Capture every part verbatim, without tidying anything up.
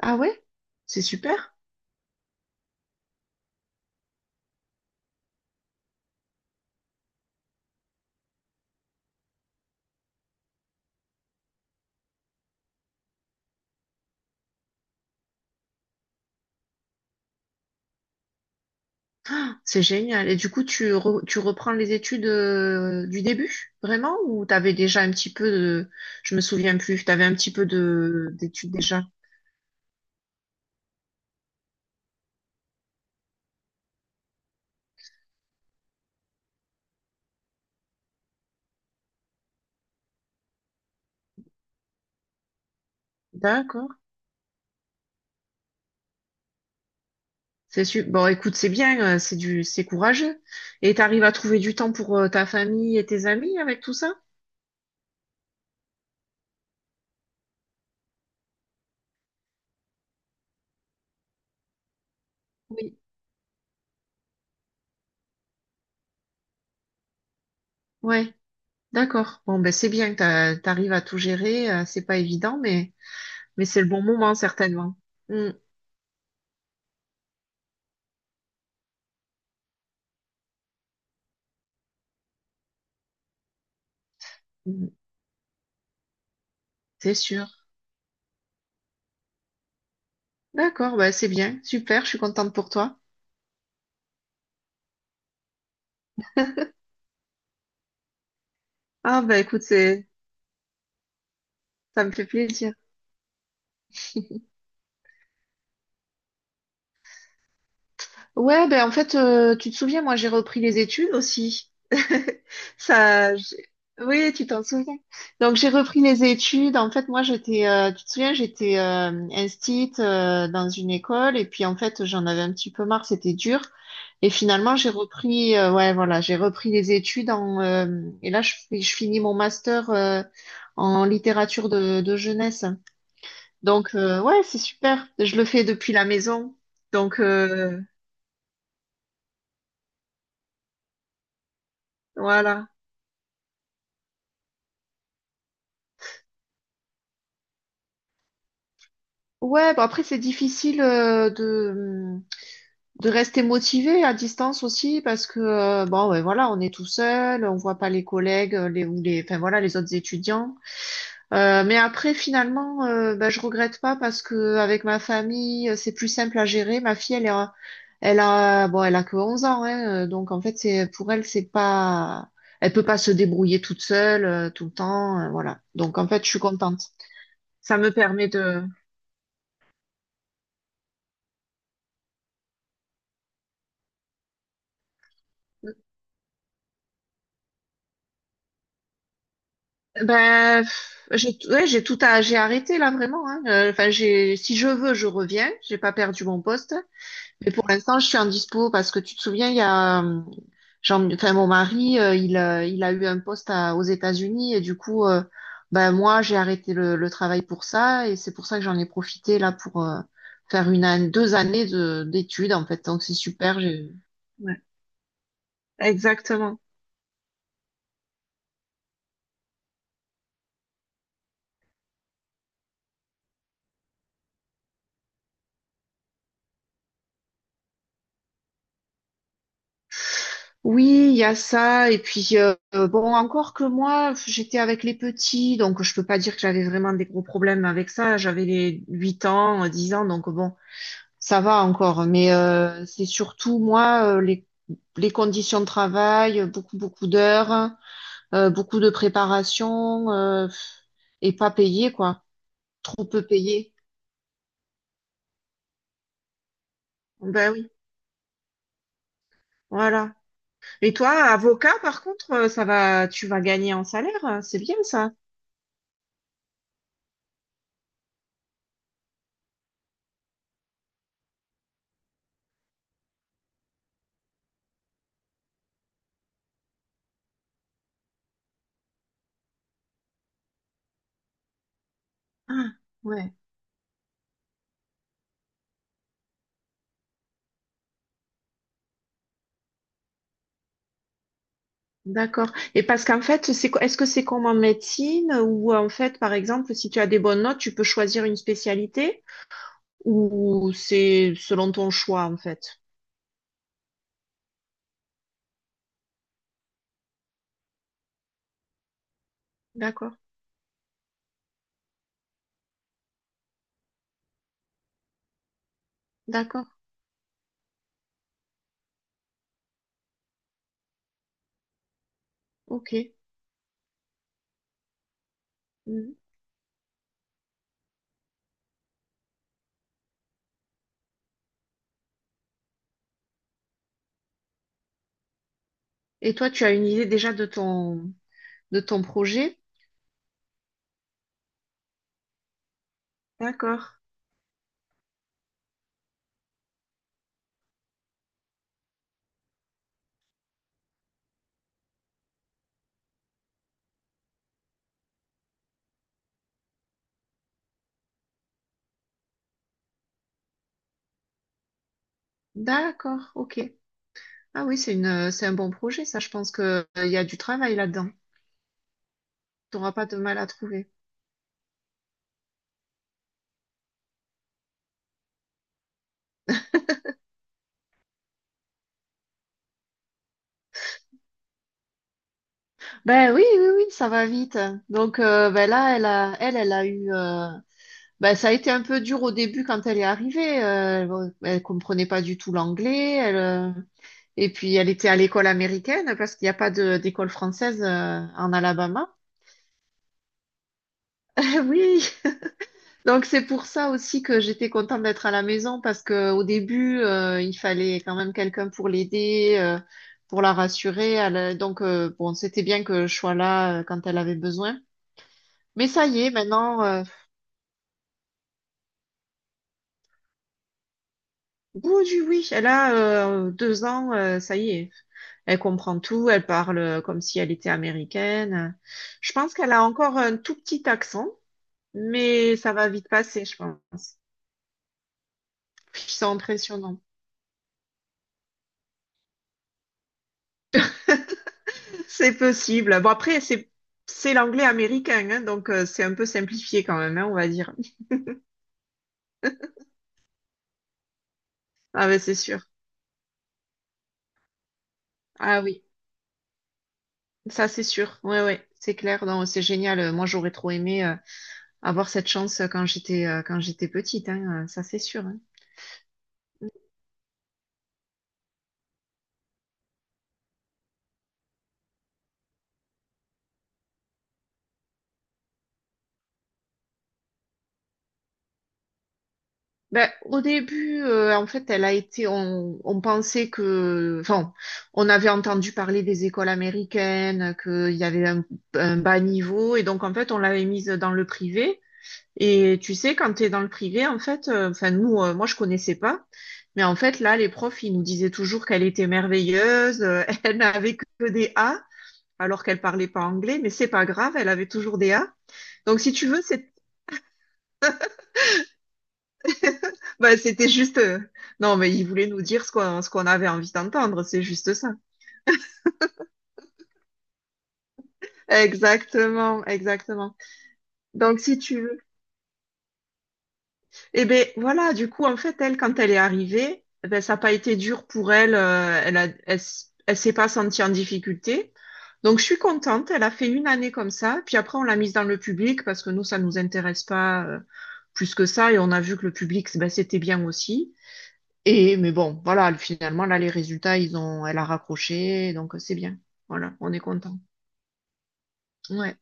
Ah ouais? C'est super, c'est génial. Et du coup, tu, re- tu reprends les études euh, du début, vraiment? Ou t'avais déjà un petit peu de. Je me souviens plus, t'avais un petit peu de d'études déjà. D'accord. C'est su... Bon, écoute, c'est bien, euh, c'est du... c'est courageux. Et t'arrives à trouver du temps pour euh, ta famille et tes amis avec tout ça? Oui. Ouais, d'accord. Bon, ben c'est bien que t'a- t'arrives à tout gérer. euh, C'est pas évident, mais, mais c'est le bon moment, certainement. Mm, mm, c'est sûr. D'accord, bah c'est bien, super, je suis contente pour toi. Ah bah écoute, c'est ça me fait plaisir. Ouais, bah en fait, euh, tu te souviens, moi j'ai repris les études aussi. Ça, j'ai- oui, tu t'en souviens. Donc j'ai repris les études. En fait, moi j'étais, euh, tu te souviens, j'étais euh, instite euh, dans une école et puis en fait j'en avais un petit peu marre, c'était dur. Et finalement j'ai repris, euh, ouais voilà, j'ai repris les études en euh, et là je, je finis mon master euh, en littérature de, de jeunesse. Donc, euh, ouais, c'est super. Je le fais depuis la maison. Donc, euh, voilà. Ouais, bah après, c'est difficile euh, de... de rester motivé à distance aussi parce que euh, bon ouais, voilà, on est tout seul, on voit pas les collègues euh, les ou les enfin voilà les autres étudiants. Euh, mais après finalement euh, ben, je regrette pas parce que avec ma famille euh, c'est plus simple à gérer. Ma fille, elle est elle a bon elle a que onze ans, hein, euh, donc en fait c'est pour elle, c'est pas elle peut pas se débrouiller toute seule euh, tout le temps, euh, voilà, donc en fait je suis contente, ça me permet de. Ben, pff, j'ai t- ouais, j'ai tout à, j'ai arrêté là vraiment, hein. Euh, Enfin, j'ai, si je veux, je reviens. J'ai pas perdu mon poste, mais pour l'instant, je suis en dispo parce que tu te souviens, il y a, euh, Jean, enfin, mon mari, euh, il, euh, il a eu un poste à- aux États-Unis et du coup, euh, ben moi, j'ai arrêté le, le travail pour ça et c'est pour ça que j'en ai profité là pour euh, faire une an- deux années de d'études en fait. Donc c'est super. J'ai... Ouais, exactement. Oui, il y a ça. Et puis, euh, bon, encore que moi, j'étais avec les petits, donc je peux pas dire que j'avais vraiment des gros problèmes avec ça. J'avais les huit ans, euh, dix ans, donc bon, ça va encore. Mais euh, c'est surtout, moi, euh, les, les conditions de travail, euh, beaucoup, beaucoup d'heures, euh, beaucoup de préparation, euh, et pas payé, quoi. Trop peu payé. Ben oui, voilà. Et toi, avocat, par contre, euh, ça va, tu vas gagner en salaire, hein, c'est bien ça. Ah, ouais. D'accord. Et parce qu'en fait, c'est, co- est-ce que c'est comme en médecine ou en fait, par exemple, si tu as des bonnes notes, tu peux choisir une spécialité ou c'est selon ton choix en fait? D'accord. D'accord. OK. Mhm. Et toi, tu as une idée déjà de ton de ton projet? D'accord. D'accord. OK. Ah oui, c'est une c'est un bon projet, ça. Je pense que euh, il y a du travail là-dedans. Tu n'auras pas de mal à trouver. Ben oui, oui, oui, ça va vite. Donc euh, ben là, elle a elle, elle a eu. euh, Ben, ça a été un peu dur au début quand elle est arrivée. euh, elle, bon, elle comprenait pas du tout l'anglais. Elle, euh, et puis elle était à l'école américaine parce qu'il n'y a pas de- d'école française euh, en Alabama. Oui. Donc c'est pour ça aussi que j'étais contente d'être à la maison parce que au début euh, il fallait quand même quelqu'un pour l'aider, euh, pour la rassurer. Elle, euh, donc euh, bon, c'était bien que je sois là euh, quand elle avait besoin. Mais ça y est, maintenant, euh, oui, oui, oui. Elle a euh, deux ans, euh, ça y est. Elle comprend tout, elle parle euh, comme si elle était américaine. Je pense qu'elle a encore un tout petit accent, mais ça va vite passer, je pense. C'est impressionnant. C'est possible. Bon, après, c'est c'est l'anglais américain, hein, donc euh, c'est un peu simplifié quand même, hein, on va dire. Ah ben, c'est sûr. Ah oui, ça c'est sûr. Ouais, ouais, c'est clair. Non, c'est génial. Moi, j'aurais trop aimé euh, avoir cette chance quand j'étais euh, quand j'étais petite, hein, ça c'est sûr, hein. Ben, au début, euh, en fait, elle a été, on, on pensait que, enfin, on avait entendu parler des écoles américaines, qu'il y avait un, un bas niveau, et donc, en fait, on l'avait mise dans le privé. Et tu sais, quand tu es dans le privé, en fait, euh, enfin, nous, euh, moi, je connaissais pas, mais en fait, là, les profs, ils nous disaient toujours qu'elle était merveilleuse, euh, elle n'avait que des A, alors qu'elle parlait pas anglais, mais c'est pas grave, elle avait toujours des A. Donc, si tu veux. Bah, c'était juste. euh, Non, mais il voulait nous dire ce qu'on ce qu'on avait envie d'entendre, c'est juste ça. Exactement, exactement. Donc, si tu veux. Eh ben voilà, du coup, en fait, elle, quand elle est arrivée, eh ben, ça n'a pas été dur pour elle. euh, elle a, elle, s- elle s'est pas sentie en difficulté. Donc, je suis contente. Elle a fait une année comme ça. Puis après, on l'a mise dans le public parce que nous, ça nous intéresse pas euh, plus que ça. Et on a vu que le public, ben, c'était bien aussi. Et mais bon, voilà, finalement, là, les résultats, ils ont, elle a raccroché, donc c'est bien. Voilà, on est content. Ouais.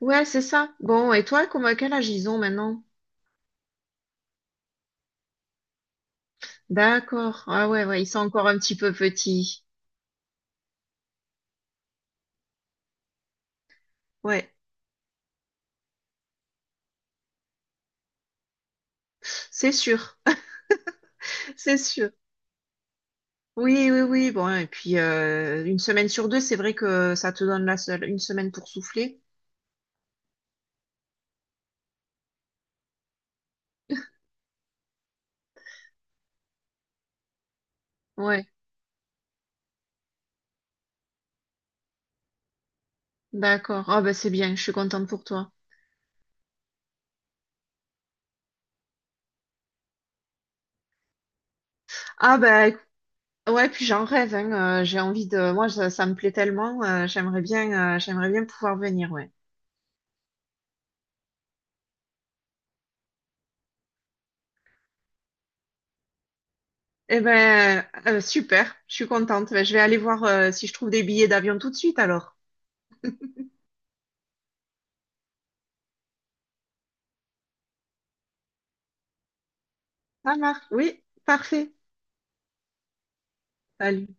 Ouais, c'est ça. Bon, et toi, comment, quel âge ils ont maintenant? D'accord. Ah ouais, ouais, ils sont encore un petit peu petits. Ouais, c'est sûr. C'est sûr. Oui, oui, oui. Bon, et puis euh, une semaine sur deux, c'est vrai que ça te donne la seule une semaine pour souffler. Ouais, d'accord. Ah ben c'est bien, je suis contente pour toi. Ah ben. Ouais, puis j'en rêve, hein, euh, j'ai envie de... moi, ça, ça me plaît tellement, euh, j'aimerais bien, euh, j'aimerais bien pouvoir venir, ouais. Eh ben, euh, euh, super, je suis contente. Ben, je vais aller voir, euh, si je trouve des billets d'avion tout de suite, alors. Ça marche, oui, parfait. Salut.